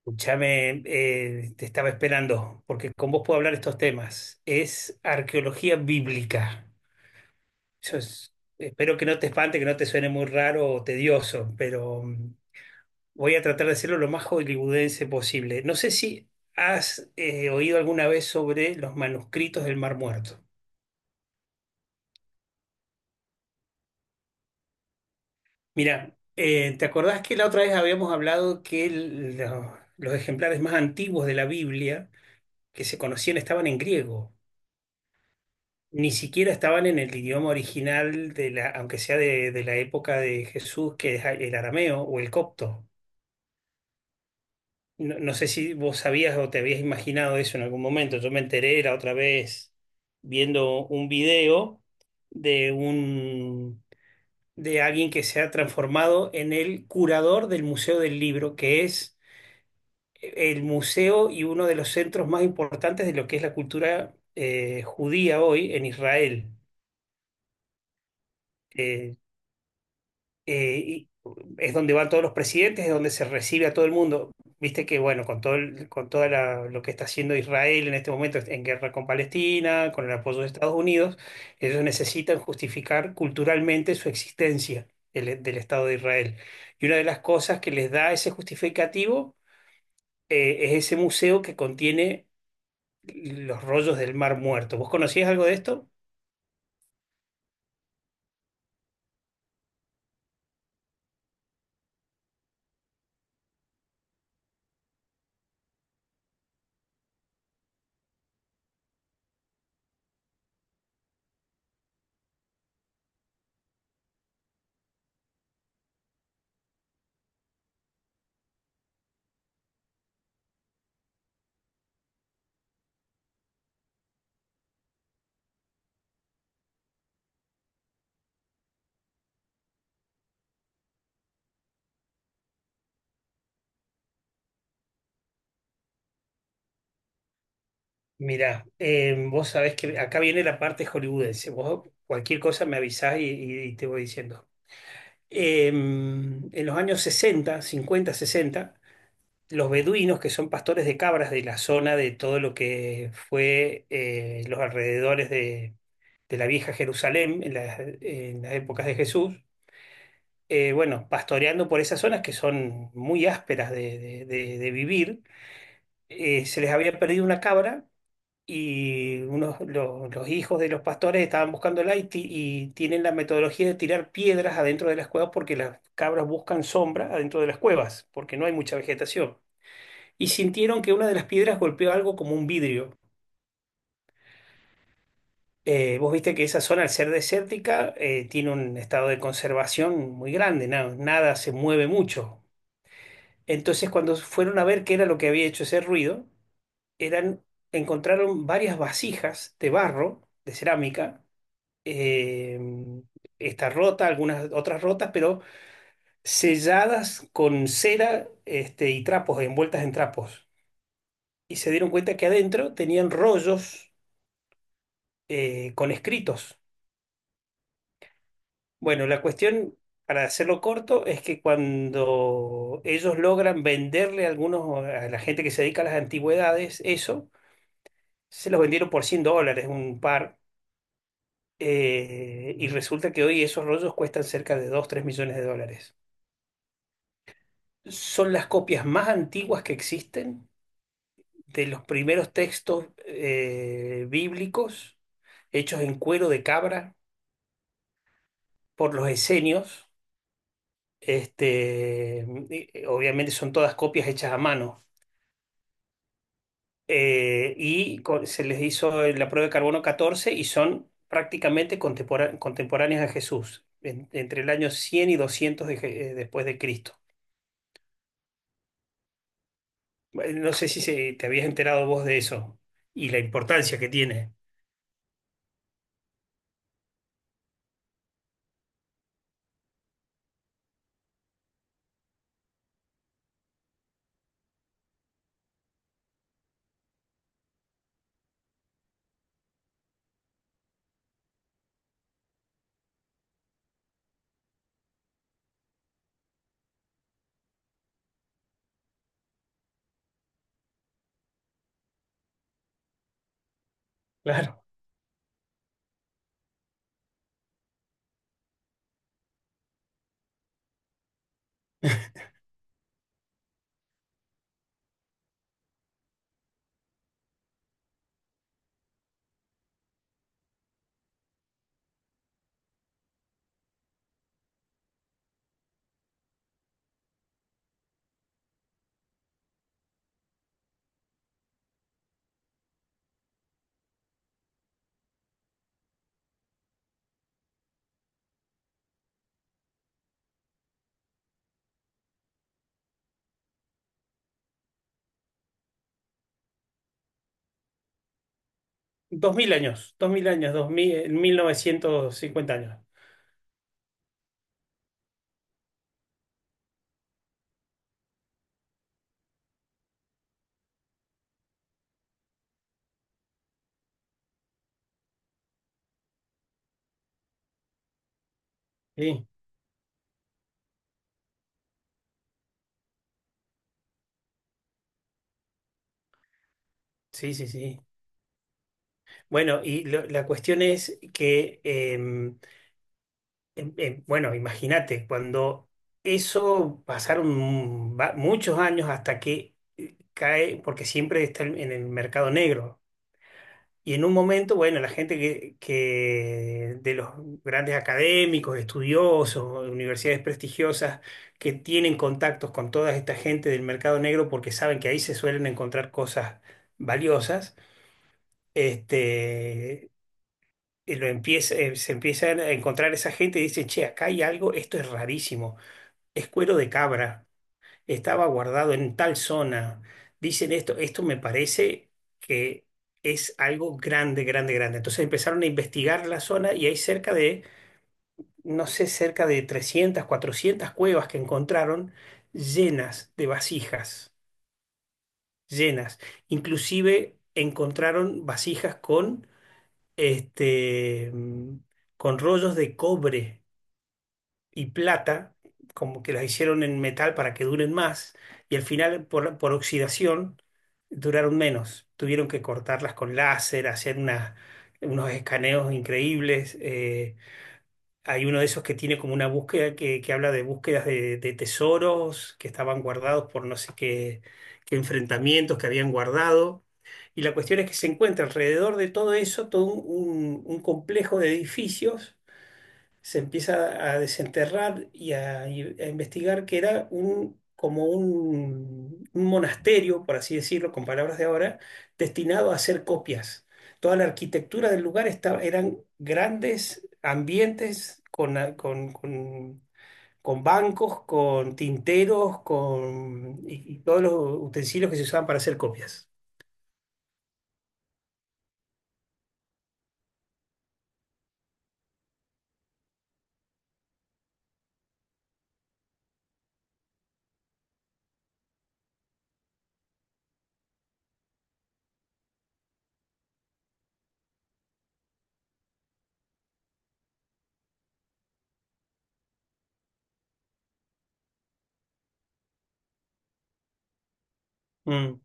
Escúchame, te estaba esperando, porque con vos puedo hablar estos temas. Es arqueología bíblica. Espero que no te espante, que no te suene muy raro o tedioso, pero voy a tratar de hacerlo lo más hollywoodense posible. No sé si has oído alguna vez sobre los manuscritos del Mar Muerto. Mira, ¿te acordás que la otra vez habíamos hablado que los ejemplares más antiguos de la Biblia que se conocían estaban en griego? Ni siquiera estaban en el idioma original, de la, aunque sea de la época de Jesús, que es el arameo o el copto. No, no sé si vos sabías o te habías imaginado eso en algún momento. Yo me enteré la otra vez viendo un video de un de alguien que se ha transformado en el curador del Museo del Libro, que es el museo y uno de los centros más importantes de lo que es la cultura judía hoy en Israel. Eh, y es donde van todos los presidentes, es donde se recibe a todo el mundo. Viste que, bueno, con con lo que está haciendo Israel en este momento en guerra con Palestina, con el apoyo de Estados Unidos, ellos necesitan justificar culturalmente su existencia del Estado de Israel. Y una de las cosas que les da ese justificativo es ese museo que contiene los rollos del Mar Muerto. ¿Vos conocías algo de esto? Mirá, vos sabés que acá viene la parte hollywoodense. Vos cualquier cosa me avisás y te voy diciendo. En los años 50, 60, los beduinos, que son pastores de cabras de la zona de todo lo que fue los alrededores de la vieja Jerusalén en en las épocas de Jesús, bueno, pastoreando por esas zonas que son muy ásperas de de vivir, se les había perdido una cabra y unos, los hijos de los pastores estaban buscándola y, y tienen la metodología de tirar piedras adentro de las cuevas porque las cabras buscan sombra adentro de las cuevas, porque no hay mucha vegetación. Y sintieron que una de las piedras golpeó algo como un vidrio. Vos viste que esa zona, al ser desértica, tiene un estado de conservación muy grande, nada se mueve mucho. Entonces, cuando fueron a ver qué era lo que había hecho ese ruido, eran, encontraron varias vasijas de barro, de cerámica, eh, está rota, algunas otras rotas, pero selladas con cera, este, y trapos, envueltas en trapos. Y se dieron cuenta que adentro tenían rollos con escritos. Bueno, la cuestión, para hacerlo corto, es que cuando ellos logran venderle a algunos, a la gente que se dedica a las antigüedades, eso, se los vendieron por $100, un par. Y resulta que hoy esos rollos cuestan cerca de 2 o 3 millones de dólares. Son las copias más antiguas que existen de los primeros textos bíblicos hechos en cuero de cabra por los esenios. Este, obviamente son todas copias hechas a mano. Se les hizo la prueba de carbono 14 y son prácticamente contemporáneas a Jesús, entre el año 100 y 200 después de Cristo. No sé si te habías enterado vos de eso y la importancia que tiene. Claro. 2000 años, 2000 años, 2000, 1950 años. Sí, sí, sí, sí. Bueno, y la cuestión es que, bueno, imagínate, cuando eso pasaron muchos años hasta que cae, porque siempre está en el mercado negro. Y en un momento, bueno, la gente que de los grandes académicos, estudiosos, universidades prestigiosas, que tienen contactos con toda esta gente del mercado negro porque saben que ahí se suelen encontrar cosas valiosas, este, y se empiezan a encontrar esa gente y dicen, che, acá hay algo, esto es rarísimo, es cuero de cabra, estaba guardado en tal zona, dicen esto, esto me parece que es algo grande, grande, grande. Entonces empezaron a investigar la zona y hay cerca de, no sé, cerca de 300 o 400 cuevas que encontraron llenas de vasijas, llenas. Inclusive encontraron vasijas con, este, con rollos de cobre y plata, como que las hicieron en metal para que duren más, y al final por oxidación duraron menos. Tuvieron que cortarlas con láser, hacer unos escaneos increíbles. Hay uno de esos que tiene como una búsqueda que habla de búsquedas de tesoros que estaban guardados por no sé qué, qué enfrentamientos que habían guardado. Y la cuestión es que se encuentra alrededor de todo eso todo un un complejo de edificios, se empieza a desenterrar y a investigar que era un, como un monasterio, por así decirlo, con palabras de ahora, destinado a hacer copias. Toda la arquitectura del lugar estaba, eran grandes ambientes con, con bancos, con tinteros, con, y todos los utensilios que se usaban para hacer copias. Mm,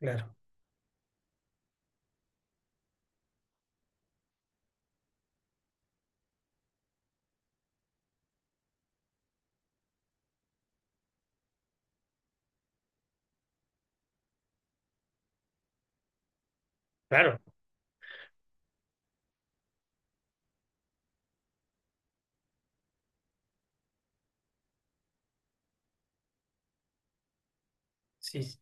claro, claro. Sí, sí.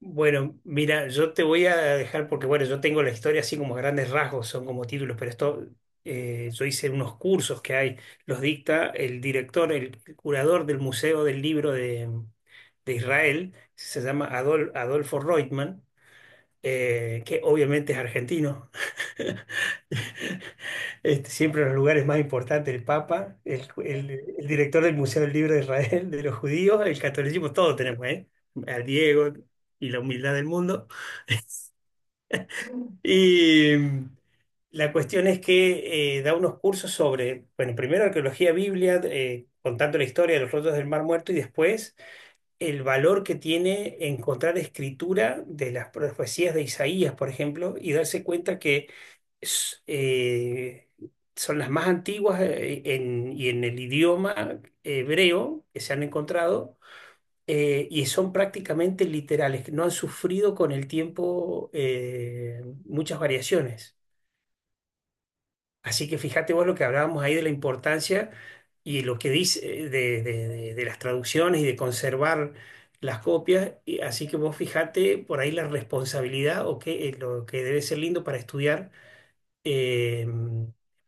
Bueno, mira, yo te voy a dejar porque, bueno, yo tengo la historia así como a grandes rasgos, son como títulos, pero esto, yo hice unos cursos que hay, los dicta el director, el curador del Museo del Libro de Israel, se llama Adolfo Reutemann, que obviamente es argentino, Este, siempre en los lugares más importantes, el Papa, el director del Museo del Libro de Israel, de los judíos, el catolicismo, todo tenemos, ¿eh? Al Diego y la humildad del mundo. Y la cuestión es que da unos cursos sobre, bueno, primero arqueología biblia, contando la historia de los rotos del Mar Muerto y después el valor que tiene encontrar escritura de las profecías de Isaías, por ejemplo, y darse cuenta que s- eh, son las más antiguas y en el idioma hebreo que se han encontrado. Y son prácticamente literales, que no han sufrido con el tiempo muchas variaciones. Así que fíjate vos lo que hablábamos ahí de la importancia y lo que dice de- las traducciones y de conservar las copias. Y así que vos fíjate por ahí la responsabilidad o qué lo que debe ser lindo para estudiar eh,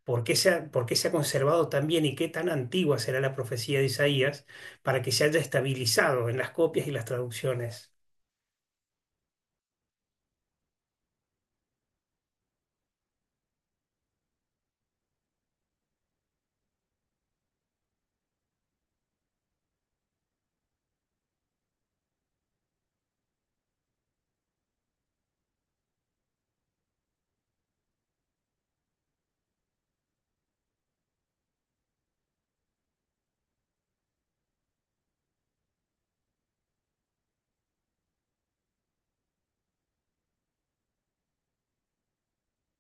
por qué se ha, por qué se ha conservado tan bien y qué tan antigua será la profecía de Isaías para que se haya estabilizado en las copias y las traducciones.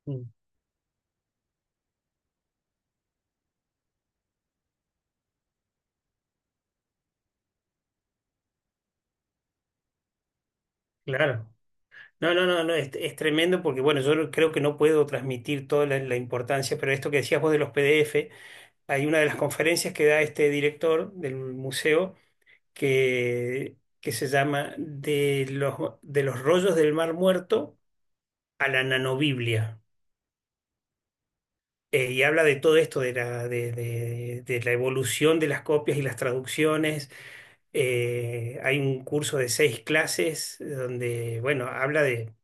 Mm. Claro. No, no, no, no, es tremendo porque, bueno, yo no- creo que no puedo transmitir toda la, la importancia, pero esto que decías vos de los PDF, hay una de las conferencias que da este director del museo que se llama de los rollos del Mar Muerto a la nanobiblia. Y habla de todo esto, de la evolución de las copias y las traducciones. Hay un curso de 6 clases donde, bueno, habla de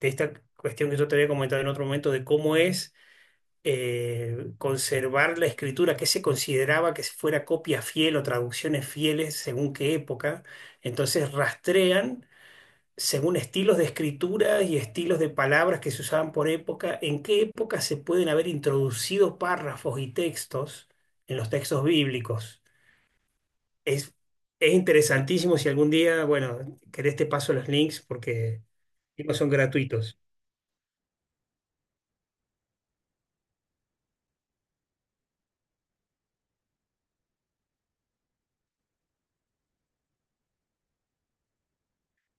esta cuestión que yo te había comentado en otro momento, de cómo es conservar la escritura, que se consideraba que fuera copia fiel o traducciones fieles según qué época. Entonces rastrean según estilos de escritura y estilos de palabras que se usaban por época, en qué época se pueden haber introducido párrafos y textos en los textos bíblicos. Es, es interesantísimo. Si algún día, bueno, querés te paso los links porque no son gratuitos.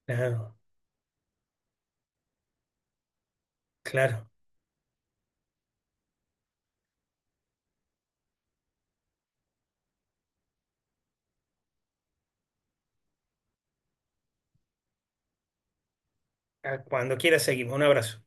Claro, claro. Ah, cuando quieras seguimos. Un abrazo.